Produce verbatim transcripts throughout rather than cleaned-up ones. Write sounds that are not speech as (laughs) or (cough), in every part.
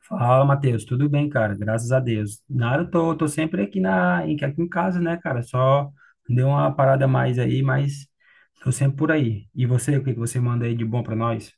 Fala, Matheus. Tudo bem, cara? Graças a Deus. Nada, eu tô, tô sempre aqui, na, em- aqui em casa, né, cara? Só deu uma parada a mais aí, mas tô sempre por aí. E você, o que que você manda aí de bom pra nós?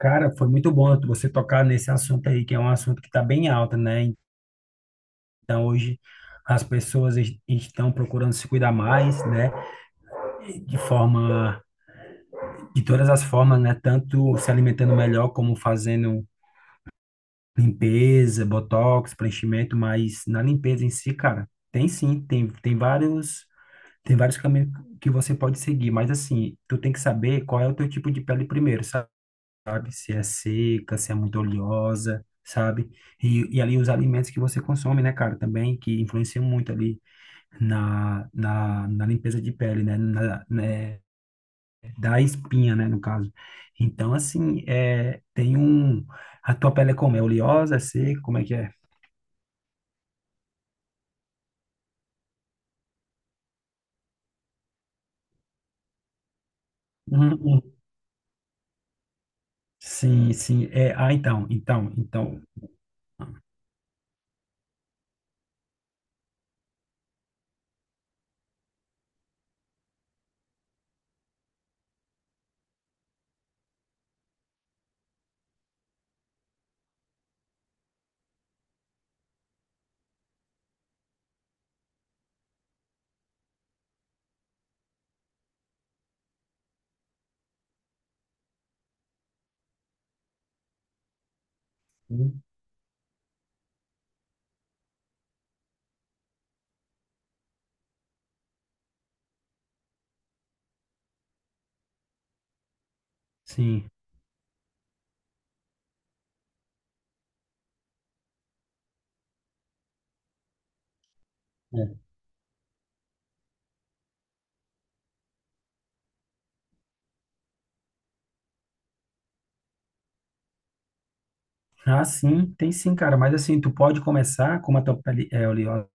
Cara, foi muito bom você tocar nesse assunto aí, que é um assunto que está bem alta, né? Então, hoje as pessoas es- estão procurando se cuidar mais, né? De forma, de todas as formas, né? Tanto se alimentando melhor, como fazendo limpeza, botox, preenchimento, mas na limpeza em si, cara, tem sim, tem, tem vários, tem vários caminhos que você pode seguir, mas assim, tu tem que saber qual é o teu tipo de pele primeiro, sabe? Se é seca, se é muito oleosa, sabe? E, e ali os alimentos que você consome, né, cara, também, que influenciam muito ali na, na, na limpeza de pele, né? Na, né? Da espinha, né, no caso. Então, assim, é, tem um... A tua pele é como? É oleosa? É seca? Como é que é? Uhum. Sim, sim. É, ah, então, então, então. Hum. Sim. É. Ah, sim, tem sim, cara. Mas assim, tu pode começar, com uma tua pele é oleosa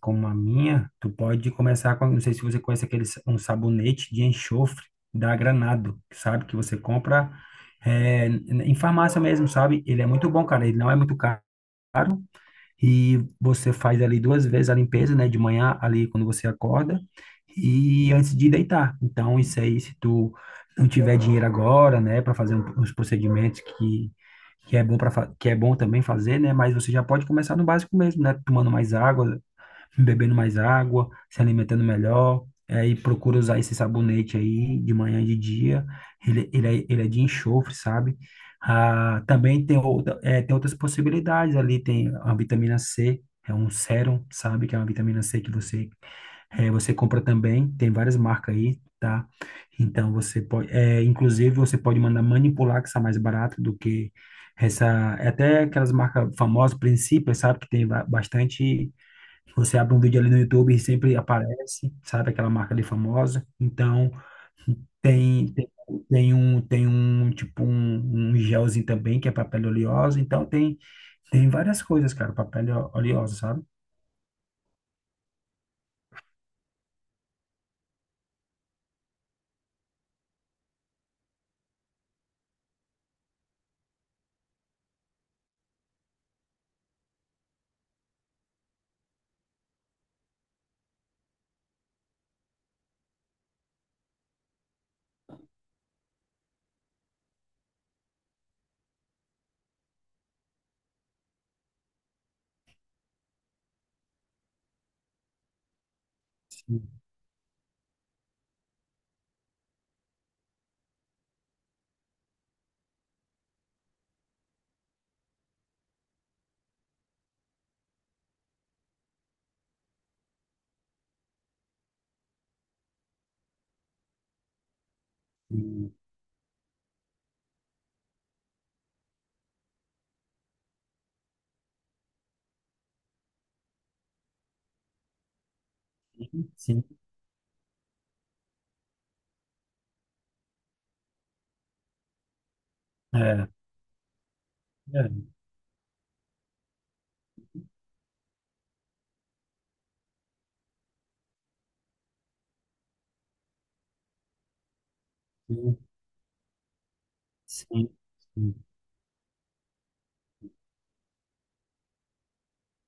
como a minha, tu pode começar com, não sei se você conhece aquele sa- um sabonete de enxofre da Granado, sabe? Que você compra é, em farmácia mesmo, sabe? Ele é muito bom, cara. Ele não é muito caro. E você faz ali duas vezes a limpeza, né, de manhã ali quando você acorda e antes de deitar. Então, isso aí, se tu não tiver dinheiro agora, né, para fazer um- uns procedimentos que que é bom para que é bom também fazer, né, mas você já pode começar no básico mesmo, né, tomando mais água, bebendo mais água, se alimentando melhor. Aí procura usar esse sabonete aí de manhã e de dia. Ele, ele, é, ele é de enxofre, sabe? Ah, também tem, outra, é, tem outras possibilidades ali. Tem a vitamina C, é um sérum, sabe? Que é uma vitamina C que você, é, você compra também. Tem várias marcas aí, tá? Então você pode, é, inclusive você pode mandar manipular, que está mais barato do que essa, é até aquelas marcas famosas, Princípio, sabe? Que tem ba- bastante. Você abre um vídeo ali no YouTube e sempre aparece, sabe, aquela marca ali famosa. Então, tem, tem, tem um, tem um, tipo, um, um gelzinho também, que é pra pele oleosa. Então, tem, tem várias coisas, cara, pra pele o- oleosa, sabe? Sim, sim, sim. É, é, sim, sim,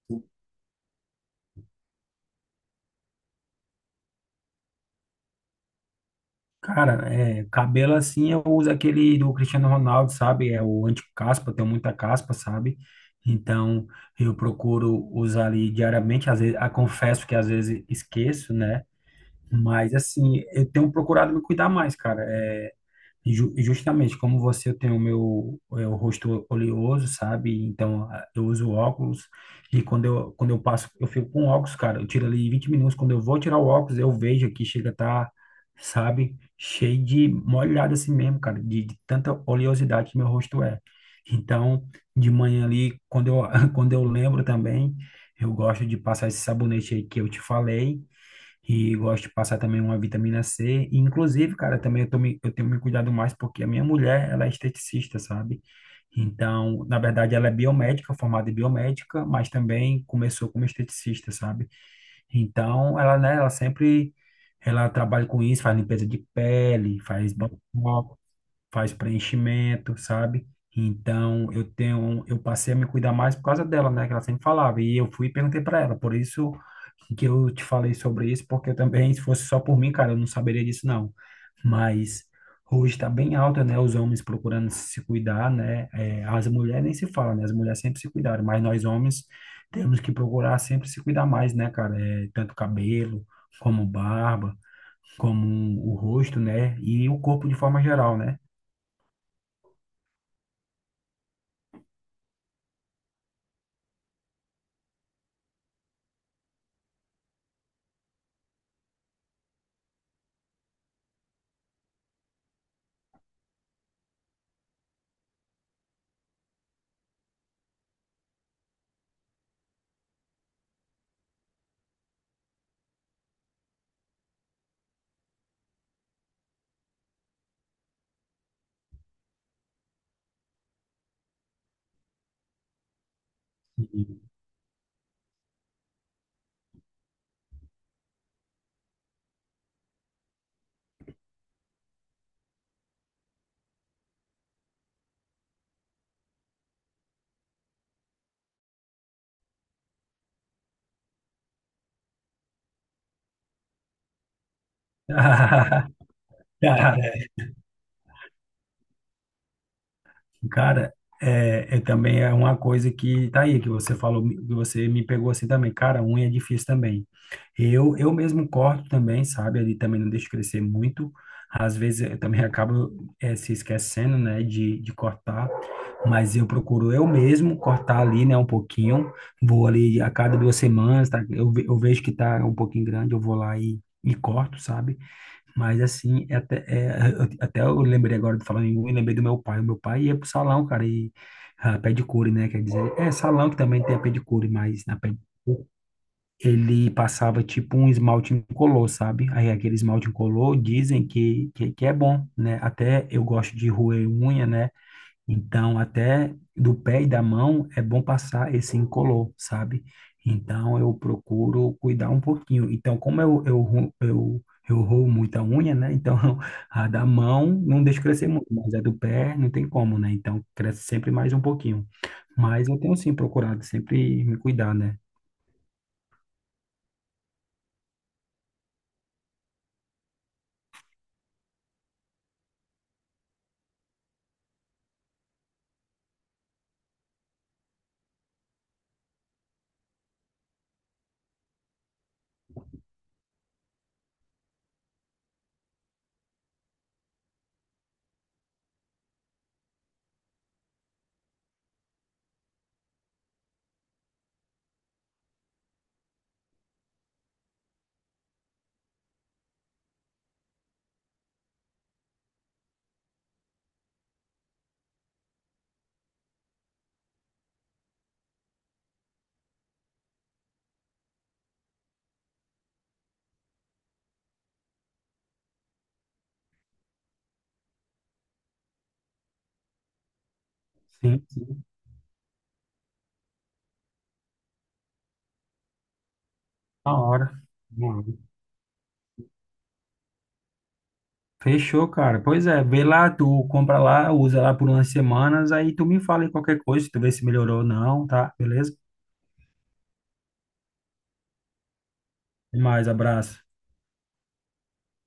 sim. Cara, é, cabelo assim eu uso aquele do Cristiano Ronaldo, sabe? É o anti-caspa, tenho muita caspa, sabe? Então eu procuro usar ali diariamente, às vezes, ah, confesso que às vezes esqueço, né? Mas assim, eu tenho procurado me cuidar mais, cara. É, Ju- Justamente, como você, eu tenho o meu é, o rosto oleoso, sabe? Então, a- eu uso óculos e quando eu, quando eu passo, eu fico com óculos, cara. Eu tiro ali vinte minutos. Quando eu vou tirar o óculos, eu vejo aqui, chega a tá, sabe? Cheio de molhado assim mesmo, cara, de, de tanta oleosidade que meu rosto é. Então, de manhã ali, quando eu, (laughs) quando eu lembro também, eu gosto de passar esse sabonete aí que eu te falei e gosto de passar também uma vitamina C. E, inclusive, cara, também eu, tô me, eu tenho me cuidado mais porque a minha mulher, ela é esteticista, sabe? Então, na verdade, ela é biomédica, formada em biomédica, mas também começou como esteticista, sabe? Então, ela, né, ela sempre, ela trabalha com isso, faz limpeza de pele, faz botox, faz preenchimento, sabe? Então, eu tenho, um, eu passei a me cuidar mais por causa dela, né? Que ela sempre falava. E eu fui e perguntei para ela. Por isso que eu te falei sobre isso, porque eu também, se fosse só por mim, cara, eu não saberia disso, não. Mas hoje está bem alta, né? Os homens procurando se cuidar, né? É, as mulheres nem se fala, né? As mulheres sempre se cuidaram, mas nós homens temos que procurar sempre se cuidar mais, né, cara? É, tanto cabelo, como barba, como o rosto, né? E o corpo de forma geral, né? E- (laughs) Cara, cara, é, é também é uma coisa que tá aí, que você falou, que você me pegou assim também. Cara, unha é difícil também. Eu, eu mesmo corto também, sabe? Ali também não deixo crescer muito. Às vezes eu também acabo eh, se esquecendo, né, de, de cortar. Mas eu procuro eu mesmo cortar ali, né, um pouquinho. Vou ali a cada duas semanas, tá? Eu, ve- eu vejo que tá um pouquinho grande, eu vou lá e, e corto, sabe? Mas assim, é até, é, eu- até eu lembrei agora de falar em unha, lembrei do meu pai. O meu pai ia pro salão, cara, e ah, pedicure, né? Quer dizer, é salão que também tem a pedicure, mas na pedicure ele passava tipo um esmalte incolor, sabe? Aí aquele esmalte incolor dizem que, que, que é bom, né? Até eu gosto de roer unha, né? Então, até do pé e da mão é bom passar esse incolor, sabe? Então, eu procuro cuidar um pouquinho. Então, como eu, eu, ru- eu, eu roo muita unha, né? Então, (laughs) a da mão não deixo crescer muito, mas a do pé não tem como, né? Então, cresce sempre mais um pouquinho. Mas eu tenho, sim, procurado sempre me cuidar, né? Sim, sim. Na hora. Na hora. Fechou, cara. Pois é, vê lá, tu compra lá, usa lá por umas semanas, aí tu me fala em qualquer coisa, tu vê se melhorou ou não, tá? Beleza? Até mais, abraço.